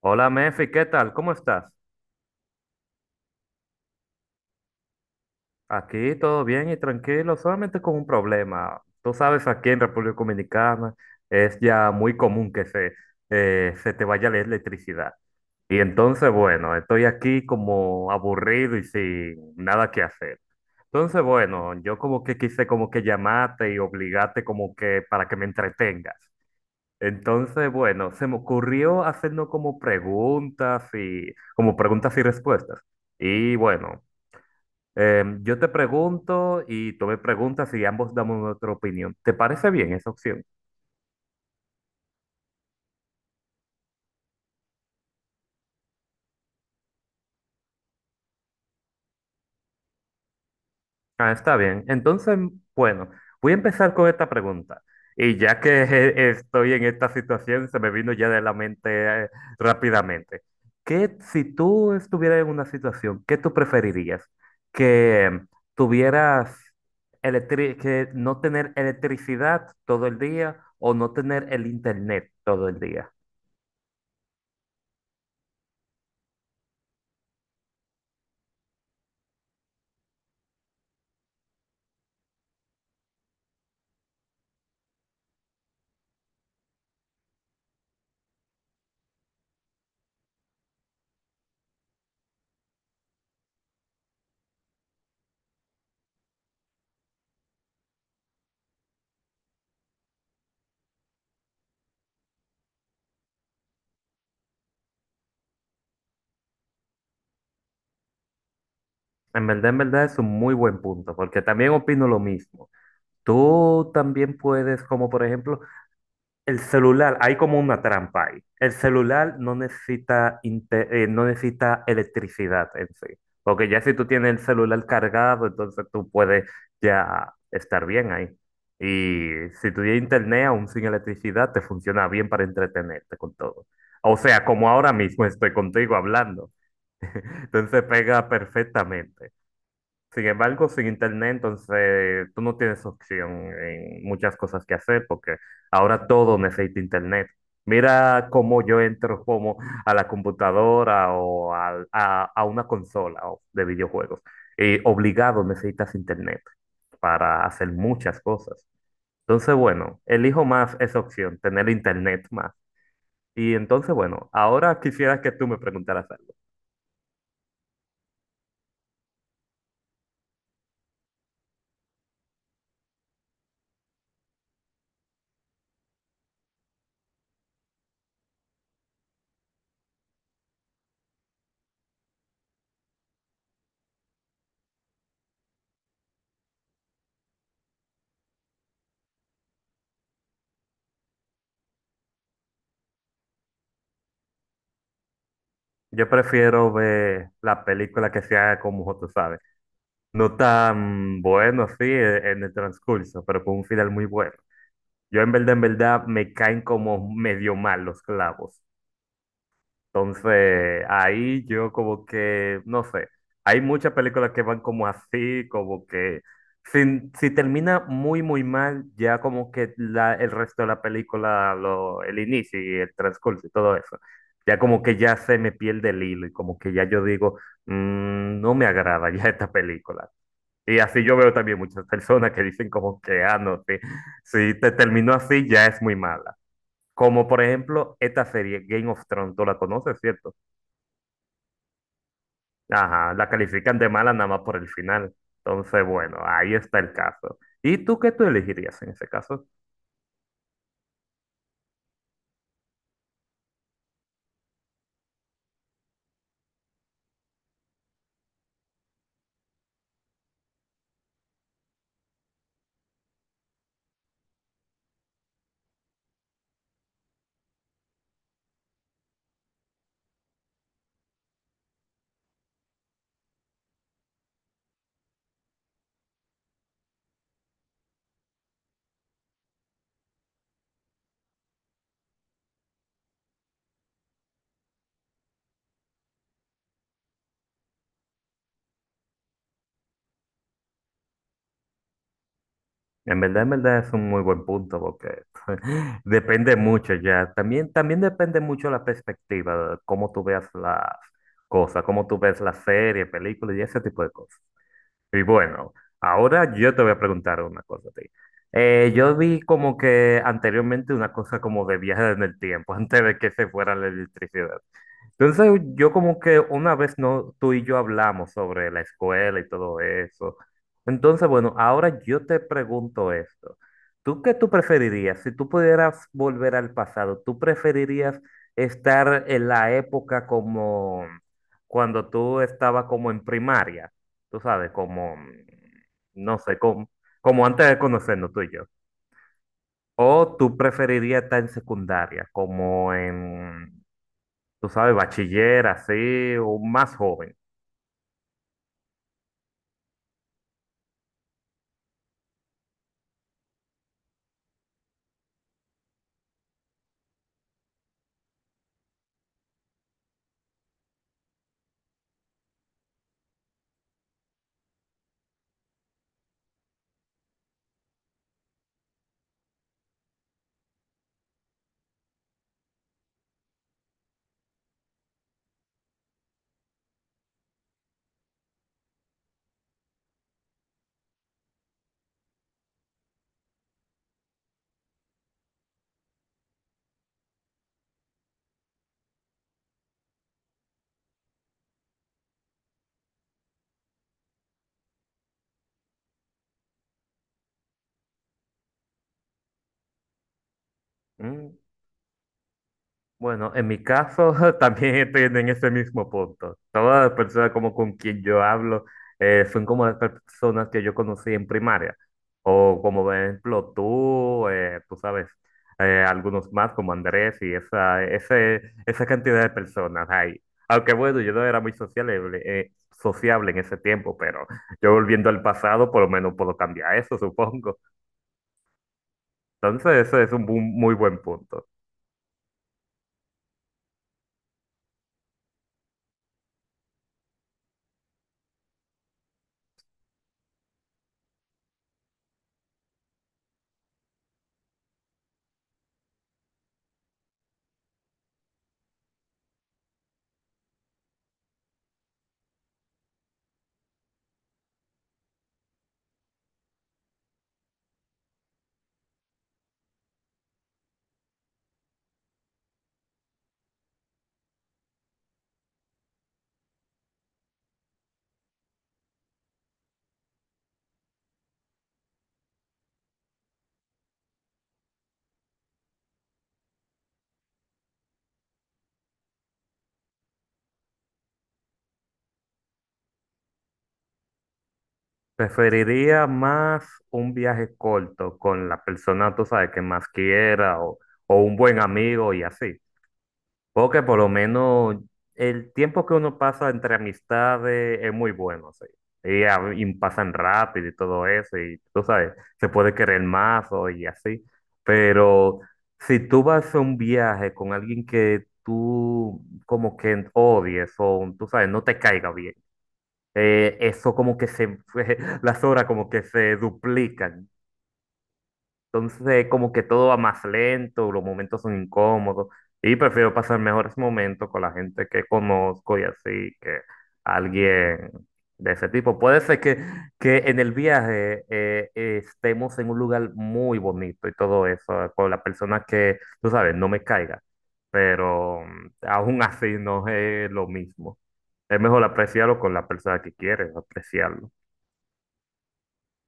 Hola Mefi, ¿qué tal? ¿Cómo estás? Aquí todo bien y tranquilo, solamente con un problema. Tú sabes, aquí en República Dominicana es ya muy común que se te vaya la electricidad. Y entonces, bueno, estoy aquí como aburrido y sin nada que hacer. Entonces, bueno, yo como que quise como que llamarte y obligarte como que para que me entretengas. Entonces, bueno, se me ocurrió hacernos como preguntas y respuestas. Y bueno. Yo te pregunto y tú me preguntas y ambos damos nuestra opinión. ¿Te parece bien esa opción? Ah, está bien. Entonces, bueno, voy a empezar con esta pregunta. Y ya que estoy en esta situación, se me vino ya de la mente eh, rápidamente. ¿Qué si tú estuvieras en una situación, qué tú preferirías? ¿Que tuvieras que no tener electricidad todo el día o no tener el internet todo el día? En verdad es un muy buen punto, porque también opino lo mismo. Tú también puedes, como por ejemplo, el celular, hay como una trampa ahí. El celular no necesita, no necesita electricidad en sí, porque ya si tú tienes el celular cargado, entonces tú puedes ya estar bien ahí. Y si tú tienes internet, aún sin electricidad, te funciona bien para entretenerte con todo. O sea, como ahora mismo estoy contigo hablando, entonces pega perfectamente. Sin embargo, sin internet, entonces tú no tienes opción en muchas cosas que hacer porque ahora todo necesita internet. Mira cómo yo entro como a la computadora a una consola o de videojuegos. Y obligado necesitas internet para hacer muchas cosas. Entonces, bueno, elijo más esa opción, tener internet más. Y entonces, bueno, ahora quisiera que tú me preguntaras algo. Yo prefiero ver la película que sea como tú sabes. No tan bueno, sí, en el transcurso, pero con un final muy bueno. Yo en verdad, me caen como medio mal los clavos. Entonces, ahí yo como que, no sé, hay muchas películas que van como así, como que si, si termina muy, muy mal, ya como que la, el resto de la película, lo, el inicio y el transcurso y todo eso, ya como que ya se me pierde el hilo y como que ya yo digo, "Mm, no me agrada ya esta película. Y así yo veo también muchas personas que dicen como que, ah, no, si, si te terminó así ya es muy mala. Como por ejemplo esta serie Game of Thrones, tú la conoces, ¿cierto? Ajá, la califican de mala nada más por el final. Entonces, bueno, ahí está el caso. ¿Y tú qué tú elegirías en ese caso? En verdad es un muy buen punto porque depende mucho ya. También, también depende mucho la perspectiva, cómo tú veas las cosas, cómo tú ves las series, películas y ese tipo de cosas. Y bueno, ahora yo te voy a preguntar una cosa a ti. Yo vi como que anteriormente una cosa como de viajes en el tiempo, antes de que se fuera la electricidad. Entonces yo como que una vez no, tú y yo hablamos sobre la escuela y todo eso. Entonces, bueno, ahora yo te pregunto esto. ¿Tú qué tú preferirías? Si tú pudieras volver al pasado, ¿tú preferirías estar en la época como cuando tú estabas como en primaria? Tú sabes, como, mm, no sé, como, como antes de conocernos tú y yo. ¿O tú preferirías estar en secundaria, como en tú sabes, bachiller, así, o más joven. Mm, bueno, en mi caso también estoy en ese mismo punto. Todas las personas como con quien yo hablo son como las personas que yo conocí en primaria. O como por ejemplo tú, tú sabes, algunos más como Andrés y esa cantidad de personas ahí. Aunque bueno, yo no era muy sociable, sociable en ese tiempo, pero yo volviendo al pasado por lo menos puedo cambiar eso, supongo. Entonces, eso es un muy buen punto. Preferiría más un viaje corto con la persona, tú sabes, que más quiera o un buen amigo y así. Porque por lo menos el tiempo que uno pasa entre amistades es muy bueno, sí. Y pasan rápido y todo eso, y tú sabes, se puede querer más o y así. Pero si tú vas a un viaje con alguien que tú como que odies o tú sabes, no te caiga bien, eso como que se, las horas como que se duplican. Entonces, como que todo va más lento, los momentos son incómodos y prefiero pasar mejores momentos con la gente que conozco y así que alguien de ese tipo. Puede ser que en el viaje estemos en un lugar muy bonito y todo eso, con la persona que, tú sabes, no me caiga, pero mm, aún así no es lo mismo. Es mejor apreciarlo con la persona que quieres, apreciarlo.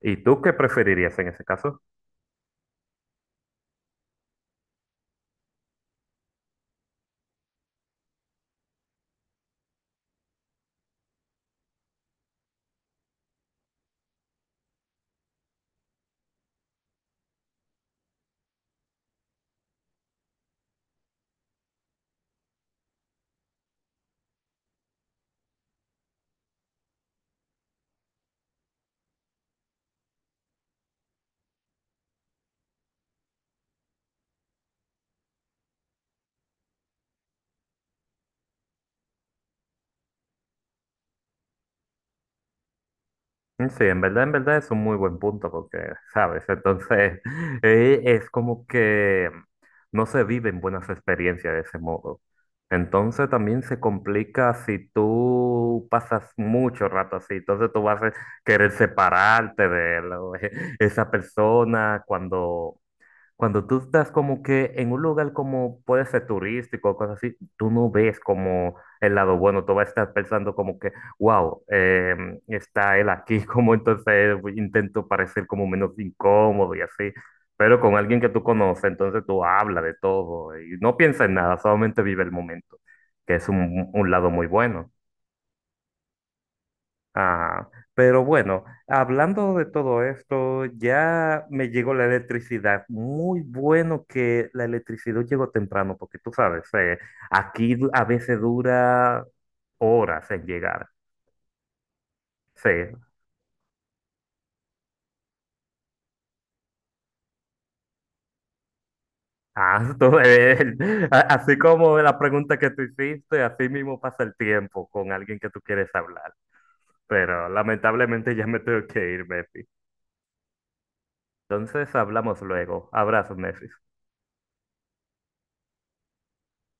¿Y tú qué preferirías en ese caso? Mm, sí, en verdad es un muy buen punto porque, ¿sabes? Entonces, es como que no se viven buenas experiencias de ese modo. Entonces también se complica si tú pasas mucho rato así. Entonces tú vas a querer separarte de esa persona cuando cuando tú estás como que en un lugar como puede ser turístico o cosas así, tú no ves como el lado bueno, tú vas a estar pensando como que, wow, está él aquí, como entonces intento parecer como menos incómodo y así, pero con alguien que tú conoces, entonces tú hablas de todo y no piensas en nada, solamente vive el momento, que es un lado muy bueno. Ah, pero bueno, hablando de todo esto, ya me llegó la electricidad. Muy bueno que la electricidad llegó temprano, porque tú sabes, aquí a veces dura horas en llegar. Sí, ah, así como la pregunta que tú hiciste, así mismo pasa el tiempo con alguien que tú quieres hablar. Pero lamentablemente ya me tengo que ir, Messi. Entonces hablamos luego. Abrazo, Messi.